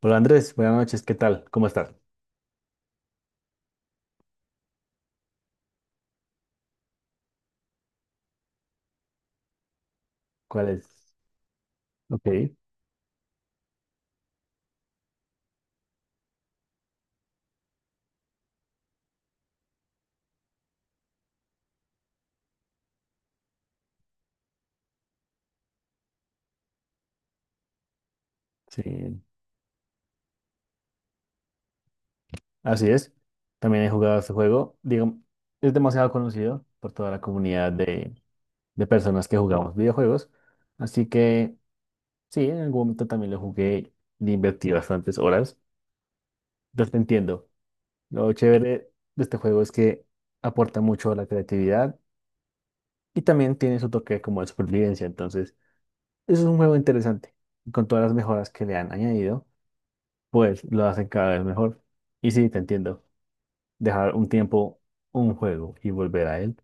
Hola Andrés, buenas noches, ¿qué tal? ¿Cómo estás? ¿Cuál es? Ok, sí, así es. También he jugado este juego. Digo, es demasiado conocido por toda la comunidad de personas que jugamos videojuegos. Así que sí, en algún momento también lo jugué y invertí bastantes horas. Entonces te entiendo. Lo chévere de este juego es que aporta mucho a la creatividad y también tiene su toque como de supervivencia. Entonces, eso es un juego interesante. Con todas las mejoras que le han añadido pues lo hacen cada vez mejor. Y sí, te entiendo. Dejar un tiempo un juego y volver a él.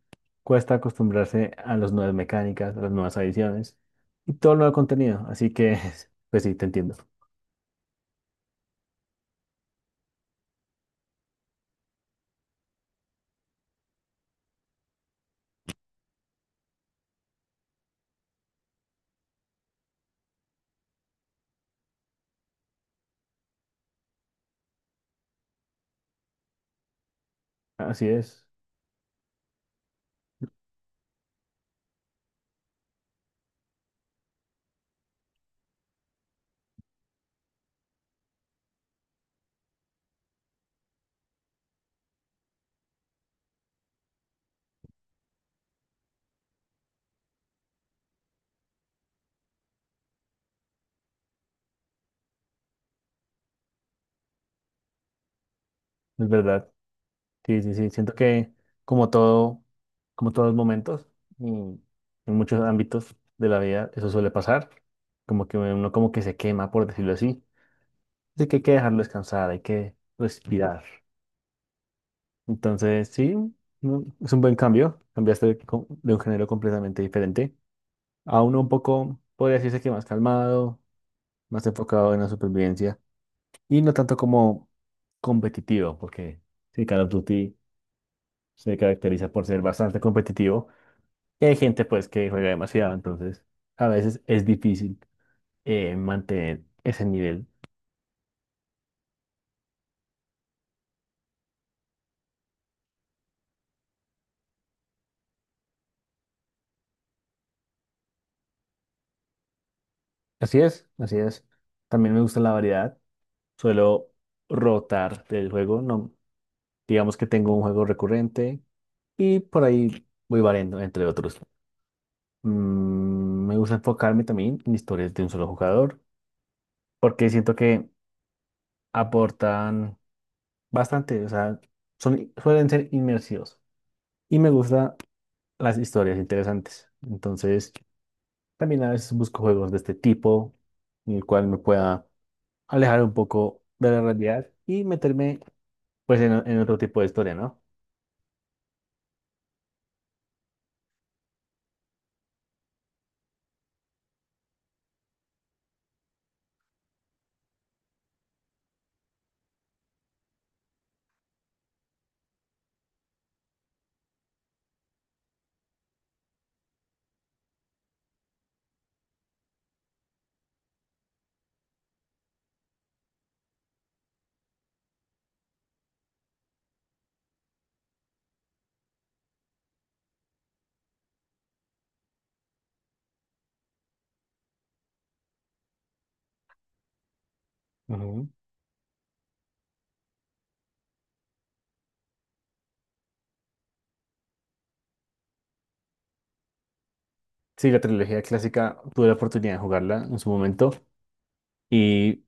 Cuesta acostumbrarse a las nuevas mecánicas, a las nuevas adiciones y todo el nuevo contenido. Así que, pues sí, te entiendo. Así es verdad. Sí, sí, sí. Siento que como todo, como todos los momentos, mm, en muchos ámbitos de la vida, eso suele pasar. Como que uno como que se quema, por decirlo así. Así que hay que dejarlo descansar, hay que respirar. Entonces, sí, no, es un buen cambio. Cambiaste de, de un género completamente diferente a uno un poco, podría decirse que más calmado, más enfocado en la supervivencia y no tanto como competitivo, porque sí, Call of Duty se caracteriza por ser bastante competitivo y hay gente pues que juega demasiado, entonces a veces es difícil mantener ese nivel. Así es, así es. También me gusta la variedad. Suelo rotar del juego. No, digamos que tengo un juego recurrente y por ahí voy variando, entre otros. Me gusta enfocarme también en historias de un solo jugador porque siento que aportan bastante, o sea, son, suelen ser inmersivos y me gustan las historias interesantes. Entonces, también a veces busco juegos de este tipo en el cual me pueda alejar un poco de la realidad y meterme pues en otro tipo de historia, ¿no? Sí, la trilogía clásica tuve la oportunidad de jugarla en su momento y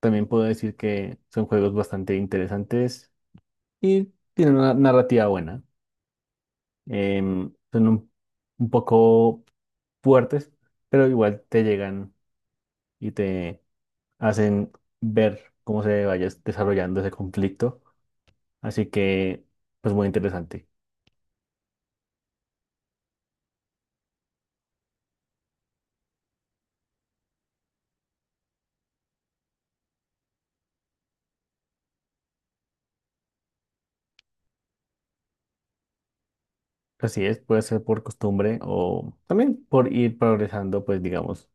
también puedo decir que son juegos bastante interesantes y tienen una narrativa buena. Son un poco fuertes, pero igual te llegan y te hacen ver cómo se vaya desarrollando ese conflicto. Así que, pues muy interesante. Así es, puede ser por costumbre o también por ir progresando, pues digamos,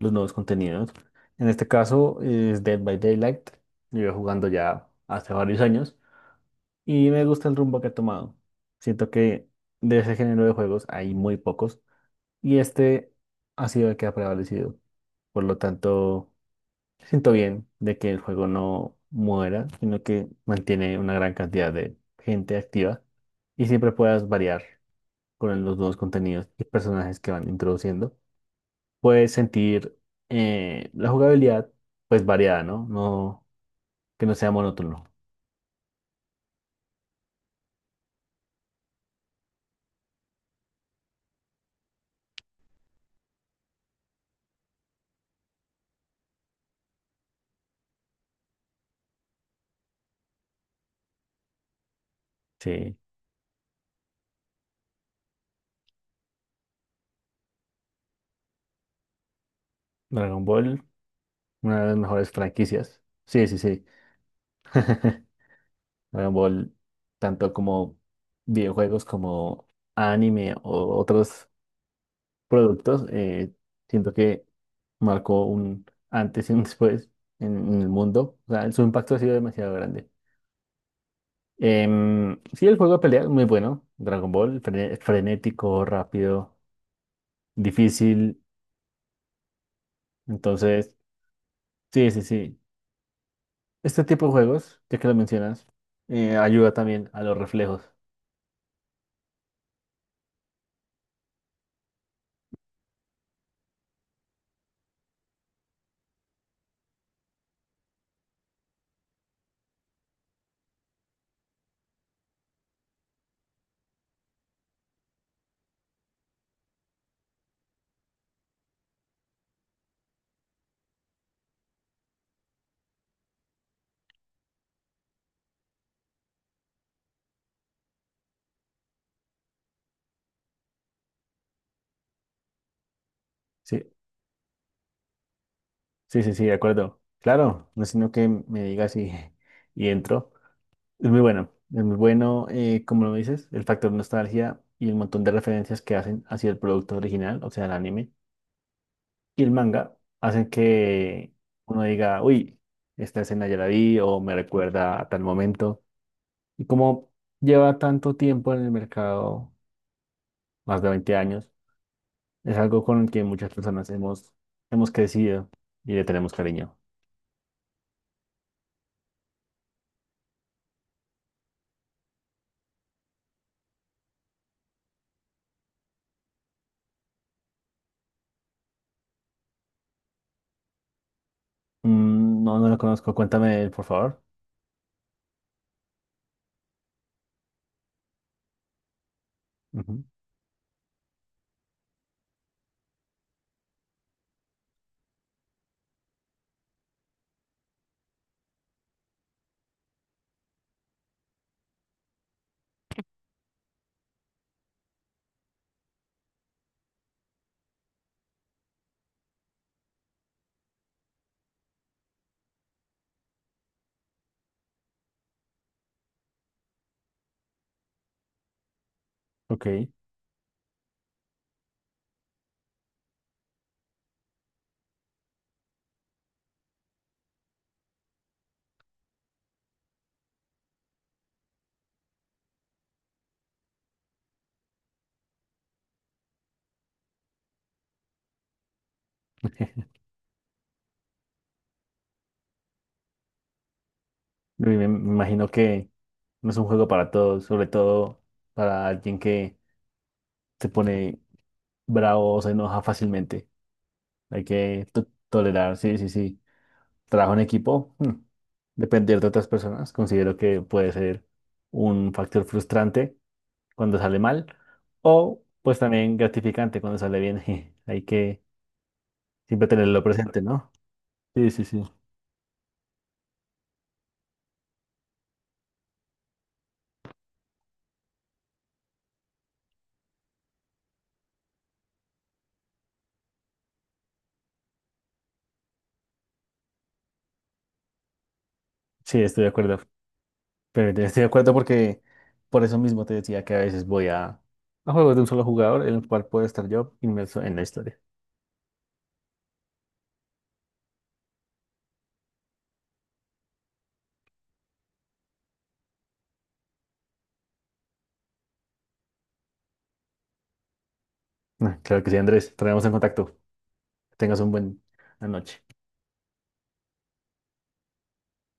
los nuevos contenidos. En este caso es Dead by Daylight. Llevo jugando ya hace varios años y me gusta el rumbo que ha tomado. Siento que de ese género de juegos hay muy pocos y este ha sido el que ha prevalecido. Por lo tanto, siento bien de que el juego no muera, sino que mantiene una gran cantidad de gente activa y siempre puedas variar con los nuevos contenidos y personajes que van introduciendo, puedes sentir la jugabilidad pues variada, ¿no? No, que no sea monótono. Sí, Dragon Ball, una de las mejores franquicias. Sí, sí, sí. Dragon Ball, tanto como videojuegos como anime o otros productos, siento que marcó un antes y un después en el mundo. O sea, su impacto ha sido demasiado grande. Sí, el juego de pelea es muy bueno. Dragon Ball, frenético, rápido, difícil. Entonces, sí, sí, sí. Este tipo de juegos, ya que lo mencionas, ayuda también a los reflejos. Sí, sí, sí, sí, de acuerdo. Claro, no sino que me digas y, y entro. Es muy bueno, como lo dices, el factor nostalgia y el montón de referencias que hacen hacia el producto original, o sea, el anime y el manga hacen que uno diga, uy, esta escena ya la vi o me recuerda a tal momento. Y como lleva tanto tiempo en el mercado, más de 20 años, es algo con el que muchas personas hemos crecido y le tenemos cariño. No, no lo conozco, cuéntame, de él, por favor. Ujú, ok. Y me imagino que no es un juego para todos, sobre todo para alguien que se pone bravo o se enoja fácilmente. Hay que tolerar, sí, sí, sí. Trabajo en equipo, depender de otras personas, considero que puede ser un factor frustrante cuando sale mal o pues también gratificante cuando sale bien. Hay que siempre tenerlo presente, ¿no? Sí, sí, sí. Sí, estoy de acuerdo. Pero estoy de acuerdo porque por eso mismo te decía que a veces voy a juegos de un solo jugador en el cual puedo estar yo inmerso en la historia. Ah, claro que sí, Andrés. Traemos en contacto. Que tengas un buen una noche.